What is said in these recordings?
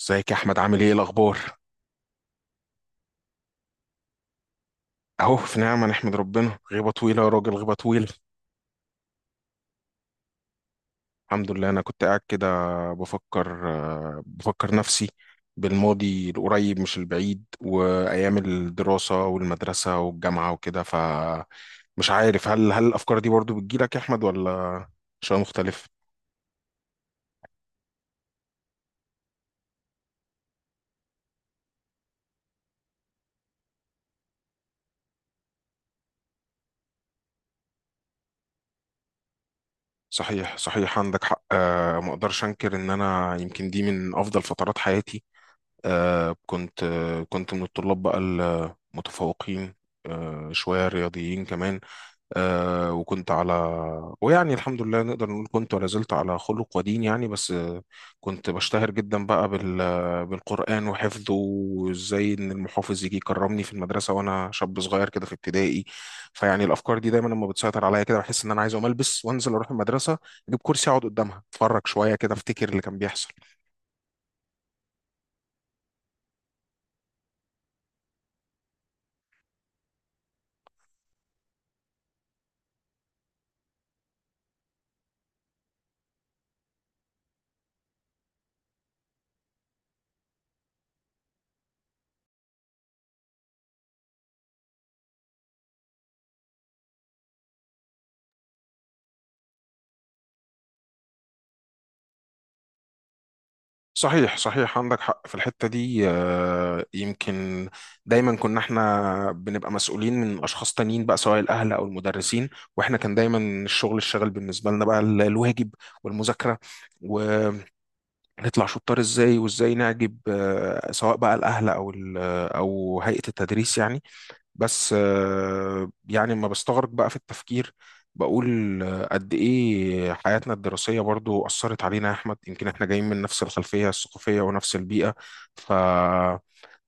ازيك يا احمد، عامل ايه الاخبار؟ اهو في نعمه، نحمد ربنا. غيبه طويله يا راجل، غيبه طويله. الحمد لله، انا كنت قاعد كده بفكر نفسي بالماضي القريب مش البعيد، وايام الدراسه والمدرسه والجامعه وكده. ف مش عارف، هل الافكار دي برضو بتجيلك يا احمد، ولا شيء مختلف؟ صحيح صحيح، عندك حق. ما اقدرش انكر ان انا يمكن دي من افضل فترات حياتي. كنت من الطلاب بقى المتفوقين. شوية رياضيين كمان. وكنت على، ويعني الحمد لله نقدر نقول كنت ولا زلت على خلق ودين يعني. بس كنت بشتهر جدا بقى بالقرآن وحفظه، وازاي ان المحافظ يجي يكرمني في المدرسة وانا شاب صغير كده في ابتدائي. فيعني الافكار دي دايما لما بتسيطر عليا كده، بحس ان انا عايز اقوم البس وانزل اروح المدرسة، اجيب كرسي اقعد قدامها، اتفرج شوية كده، افتكر اللي كان بيحصل. صحيح صحيح، عندك حق في الحتة دي. يمكن دايما كنا احنا بنبقى مسؤولين من أشخاص تانيين بقى، سواء الأهل أو المدرسين. واحنا كان دايما الشغل بالنسبة لنا بقى الواجب والمذاكرة، ونطلع شطار ازاي، وازاي نعجب، سواء بقى الأهل أو أو هيئة التدريس يعني. بس يعني ما بستغرق بقى في التفكير، بقول قد ايه حياتنا الدراسية برضو أثرت علينا يا أحمد. يمكن احنا جايين من نفس الخلفية الثقافية ونفس البيئة. ف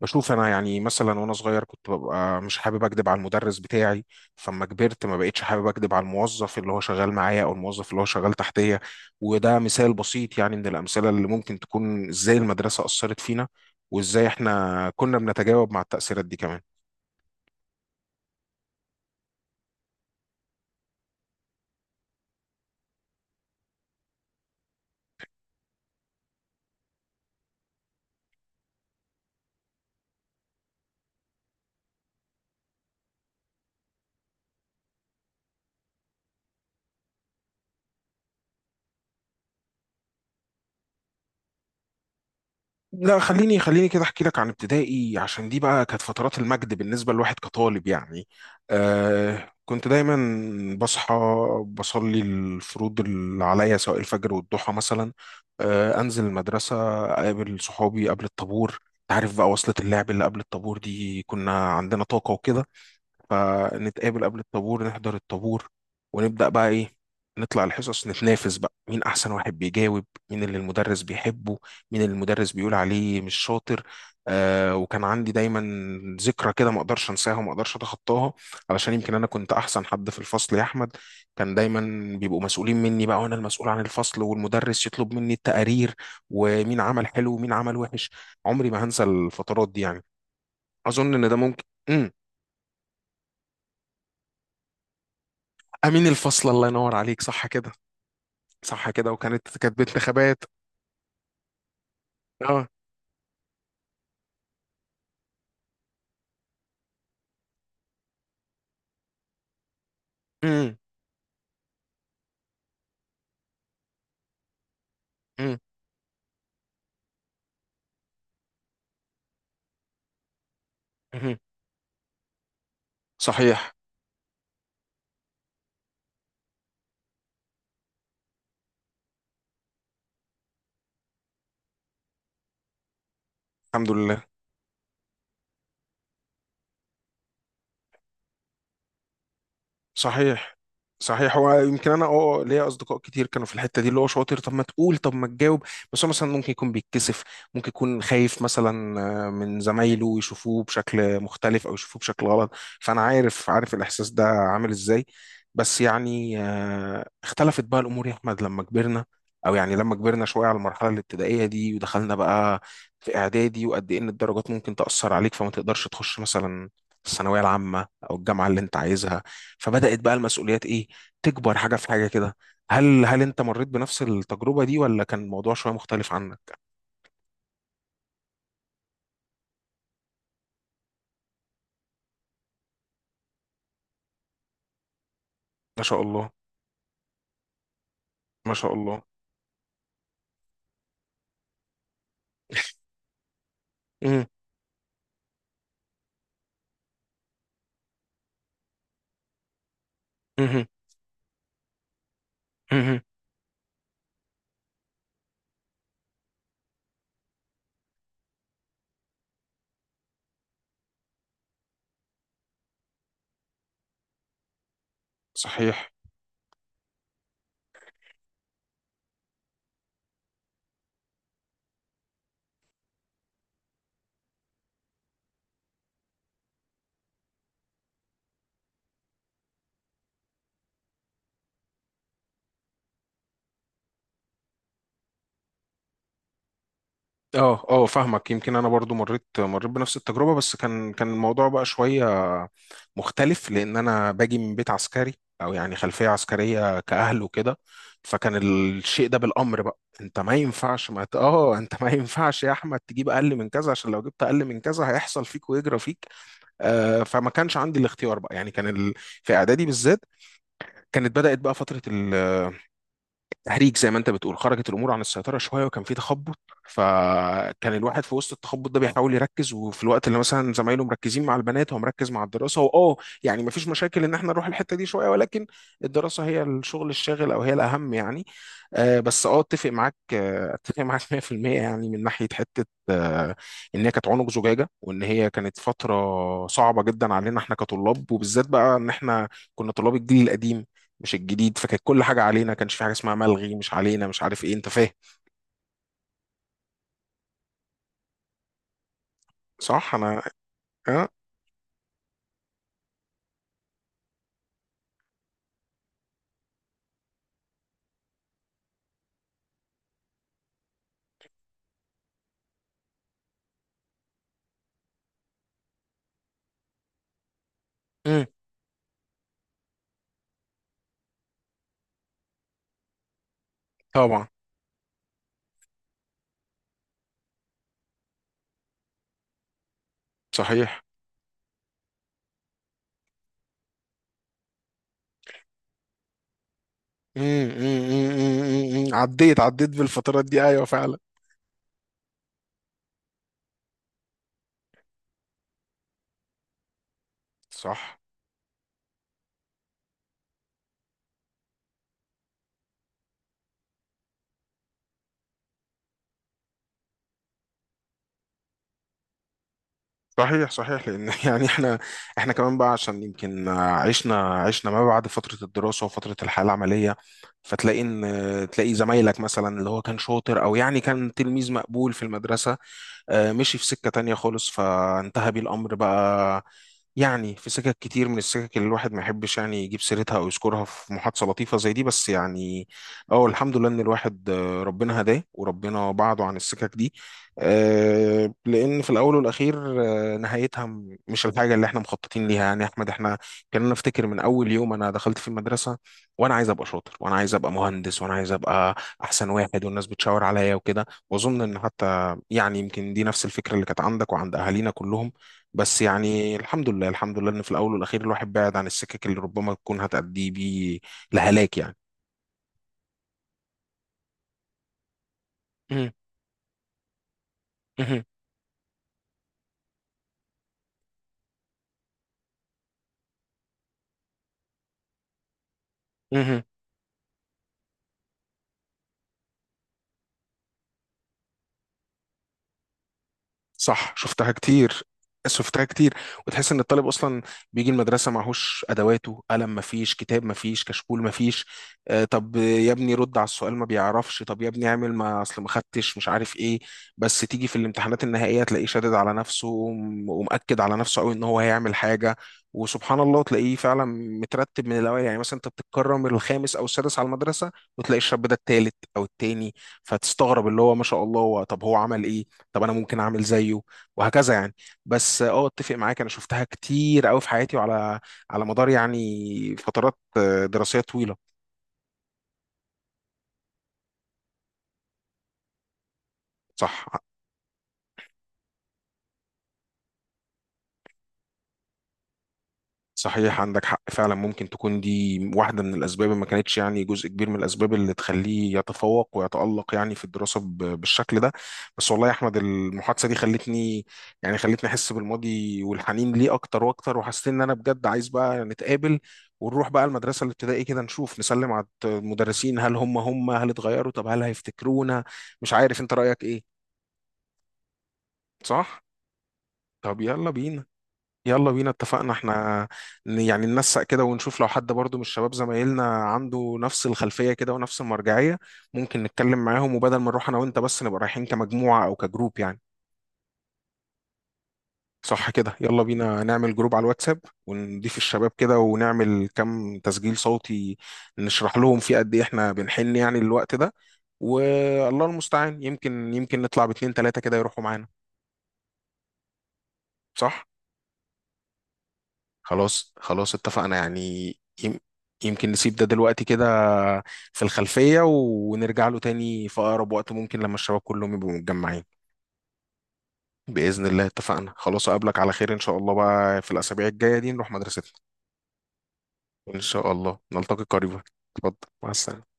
بشوف انا يعني، مثلا وانا صغير كنت ببقى مش حابب اكدب على المدرس بتاعي، فما كبرت ما بقتش حابب اكدب على الموظف اللي هو شغال معايا او الموظف اللي هو شغال تحتيه. وده مثال بسيط يعني من الامثله اللي ممكن تكون ازاي المدرسه اثرت فينا، وازاي احنا كنا بنتجاوب مع التاثيرات دي كمان. لا، خليني كده احكي لك عن ابتدائي، عشان دي بقى كانت فترات المجد بالنسبه لواحد كطالب يعني. كنت دايما بصحى، بصلي الفروض اللي عليا سواء الفجر والضحى مثلا. انزل المدرسه، اقابل صحابي قبل الطابور. تعرف بقى وصلة اللعب اللي قبل الطابور دي، كنا عندنا طاقه وكده. فنتقابل قبل الطابور، نحضر الطابور، ونبدأ بقى إيه، نطلع الحصص، نتنافس بقى مين أحسن واحد بيجاوب، مين اللي المدرس بيحبه، مين اللي المدرس بيقول عليه مش شاطر. وكان عندي دايما ذكرى كده ما أقدرش أنساها، وما أقدرش أتخطاها. علشان يمكن أنا كنت أحسن حد في الفصل يا أحمد. كان دايما بيبقوا مسؤولين مني بقى، وأنا المسؤول عن الفصل، والمدرس يطلب مني التقارير ومين عمل حلو ومين عمل وحش. عمري ما هنسى الفترات دي يعني. أظن إن ده ممكن. مم. امين الفصل، الله ينور عليك، صح كده. صح كده. وكانت بنت خبات. اه. امم. امم. أمم. صحيح. الحمد لله. صحيح صحيح، هو يمكن انا ليا اصدقاء كتير كانوا في الحته دي، اللي هو شاطر، طب ما تقول، طب ما تجاوب. بس هو مثلا ممكن يكون بيتكسف، ممكن يكون خايف مثلا من زمايله يشوفوه بشكل مختلف او يشوفوه بشكل غلط. فانا عارف الاحساس ده عامل ازاي. بس يعني اختلفت بقى الامور يا احمد لما كبرنا. او يعني لما كبرنا شويه على المرحله الابتدائيه دي، ودخلنا بقى في اعدادي، وقد ايه ان الدرجات ممكن تاثر عليك فما تقدرش تخش مثلا الثانويه العامه او الجامعه اللي انت عايزها. فبدأت بقى المسؤوليات ايه، تكبر حاجة في حاجة كده. هل انت مريت بنفس التجربة دي، ولا كان الموضوع شوية مختلف عنك؟ ما شاء الله. ما شاء الله. امم. امم. امم. صحيح. اه فاهمك. يمكن انا برضو مريت بنفس التجربه، بس كان الموضوع بقى شويه مختلف، لان انا باجي من بيت عسكري، او يعني خلفيه عسكريه كاهل وكده. فكان الشيء ده بالامر بقى، انت ما ينفعش ما ت- اه انت ما ينفعش يا احمد تجيب اقل من كذا، عشان لو جبت اقل من كذا هيحصل فيك ويجرى فيك. فما كانش عندي الاختيار بقى يعني، كان ال... في اعدادي بالذات كانت بدات بقى فتره تهريج زي ما انت بتقول. خرجت الامور عن السيطره شويه، وكان في تخبط. فكان الواحد في وسط التخبط ده بيحاول يركز، وفي الوقت اللي مثلا زمايله مركزين مع البنات، هو مركز مع الدراسه واه يعني مفيش مشاكل ان احنا نروح الحته دي شويه، ولكن الدراسه هي الشغل الشاغل او هي الاهم يعني. بس اتفق معاك، اتفق معاك 100% يعني، من ناحيه حته ان هي كانت عنق زجاجه، وان هي كانت فتره صعبه جدا علينا احنا كطلاب، وبالذات بقى ان احنا كنا طلاب الجيل القديم مش الجديد. فكانت كل حاجه علينا، كانش في حاجه اسمها ملغي مش علينا مش عارف ايه، انت فاهم. صح. انا اه. مم. طبعا. صحيح. مم. مم. مم. مم. مم. مم. عديت بالفترات دي ايوه فعلا. صح. صحيح صحيح لان يعني احنا كمان بقى عشان يمكن عشنا ما بعد فتره الدراسه وفتره الحياه العمليه. فتلاقي ان تلاقي زمايلك مثلا، اللي هو كان شاطر او يعني كان تلميذ مقبول في المدرسه، مشي في سكه تانية خالص، فانتهى بيه الامر بقى. يعني في سكك كتير من السكك اللي الواحد ما يحبش يعني يجيب سيرتها او يذكرها في محادثه لطيفه زي دي. بس يعني اه الحمد لله ان الواحد، ربنا هداه وربنا بعده عن السكك دي. لان في الاول والاخير، نهايتها مش الحاجه اللي احنا مخططين ليها يعني. يا احمد احنا، كان، انا افتكر من اول يوم انا دخلت في المدرسه وانا عايز ابقى شاطر، وانا عايز ابقى مهندس، وانا عايز ابقى احسن واحد، والناس بتشاور عليا وكده. واظن ان حتى يعني يمكن دي نفس الفكره اللي كانت عندك وعند اهالينا كلهم. بس يعني الحمد لله، الحمد لله ان في الاول والاخير الواحد بعد عن السكك اللي ربما تكون هتأدي بيه لهلاك يعني. مهم. مهم. مهم. صح، شفتها كتير. شفتها كتير، وتحس ان الطالب اصلا بيجي المدرسه معهوش ادواته، قلم مفيش، كتاب مفيش، كشكول مفيش. آه طب يا ابني رد على السؤال، ما بيعرفش، طب يا ابني اعمل، ما اصل ما خدتش مش عارف ايه. بس تيجي في الامتحانات النهائيه تلاقيه شادد على نفسه، ومأكد على نفسه قوي ان هو هيعمل حاجه. وسبحان الله تلاقيه فعلا مترتب من الاول، يعني مثلا انت بتتكرم الخامس او السادس على المدرسه، وتلاقي الشاب ده التالت او التاني. فتستغرب، اللي هو ما شاء الله، هو طب هو عمل ايه؟ طب انا ممكن اعمل زيه؟ وهكذا يعني. بس اه اتفق معاك، انا شفتها كتير قوي في حياتي، وعلى مدار يعني فترات دراسية طويلة. صح. صحيح، عندك حق فعلا، ممكن تكون دي واحدة من الأسباب، ما كانتش يعني، جزء كبير من الأسباب اللي تخليه يتفوق ويتألق يعني في الدراسة بالشكل ده. بس والله يا أحمد، المحادثة دي خلتني، يعني خلتني أحس بالماضي والحنين ليه أكتر وأكتر، وحسيت إن أنا بجد عايز بقى نتقابل، ونروح بقى المدرسة الابتدائي كده، نشوف، نسلم على المدرسين. هل هم هم هل اتغيروا؟ طب هل هيفتكرونا؟ مش عارف أنت رأيك إيه. صح؟ طب يلا بينا. يلا بينا، اتفقنا احنا، يعني ننسق كده ونشوف لو حد برضو من الشباب زمايلنا عنده نفس الخلفية كده ونفس المرجعية. ممكن نتكلم معاهم، وبدل ما نروح انا وانت بس، نبقى رايحين كمجموعة او كجروب يعني. صح كده، يلا بينا نعمل جروب على الواتساب، ونضيف الشباب كده، ونعمل كم تسجيل صوتي، نشرح لهم فيه قد ايه احنا بنحن يعني الوقت ده. والله المستعان، يمكن نطلع باتنين تلاتة كده يروحوا معانا. صح. خلاص خلاص، اتفقنا يعني. يم- يمكن نسيب ده دلوقتي كده في الخلفية، ونرجع له تاني في أقرب وقت ممكن لما الشباب كلهم يبقوا متجمعين. بإذن الله. اتفقنا خلاص، أقابلك على خير إن شاء الله بقى، في الأسابيع الجاية دي نروح مدرستنا. إن شاء الله نلتقي قريبا. اتفضل. مع السلامة.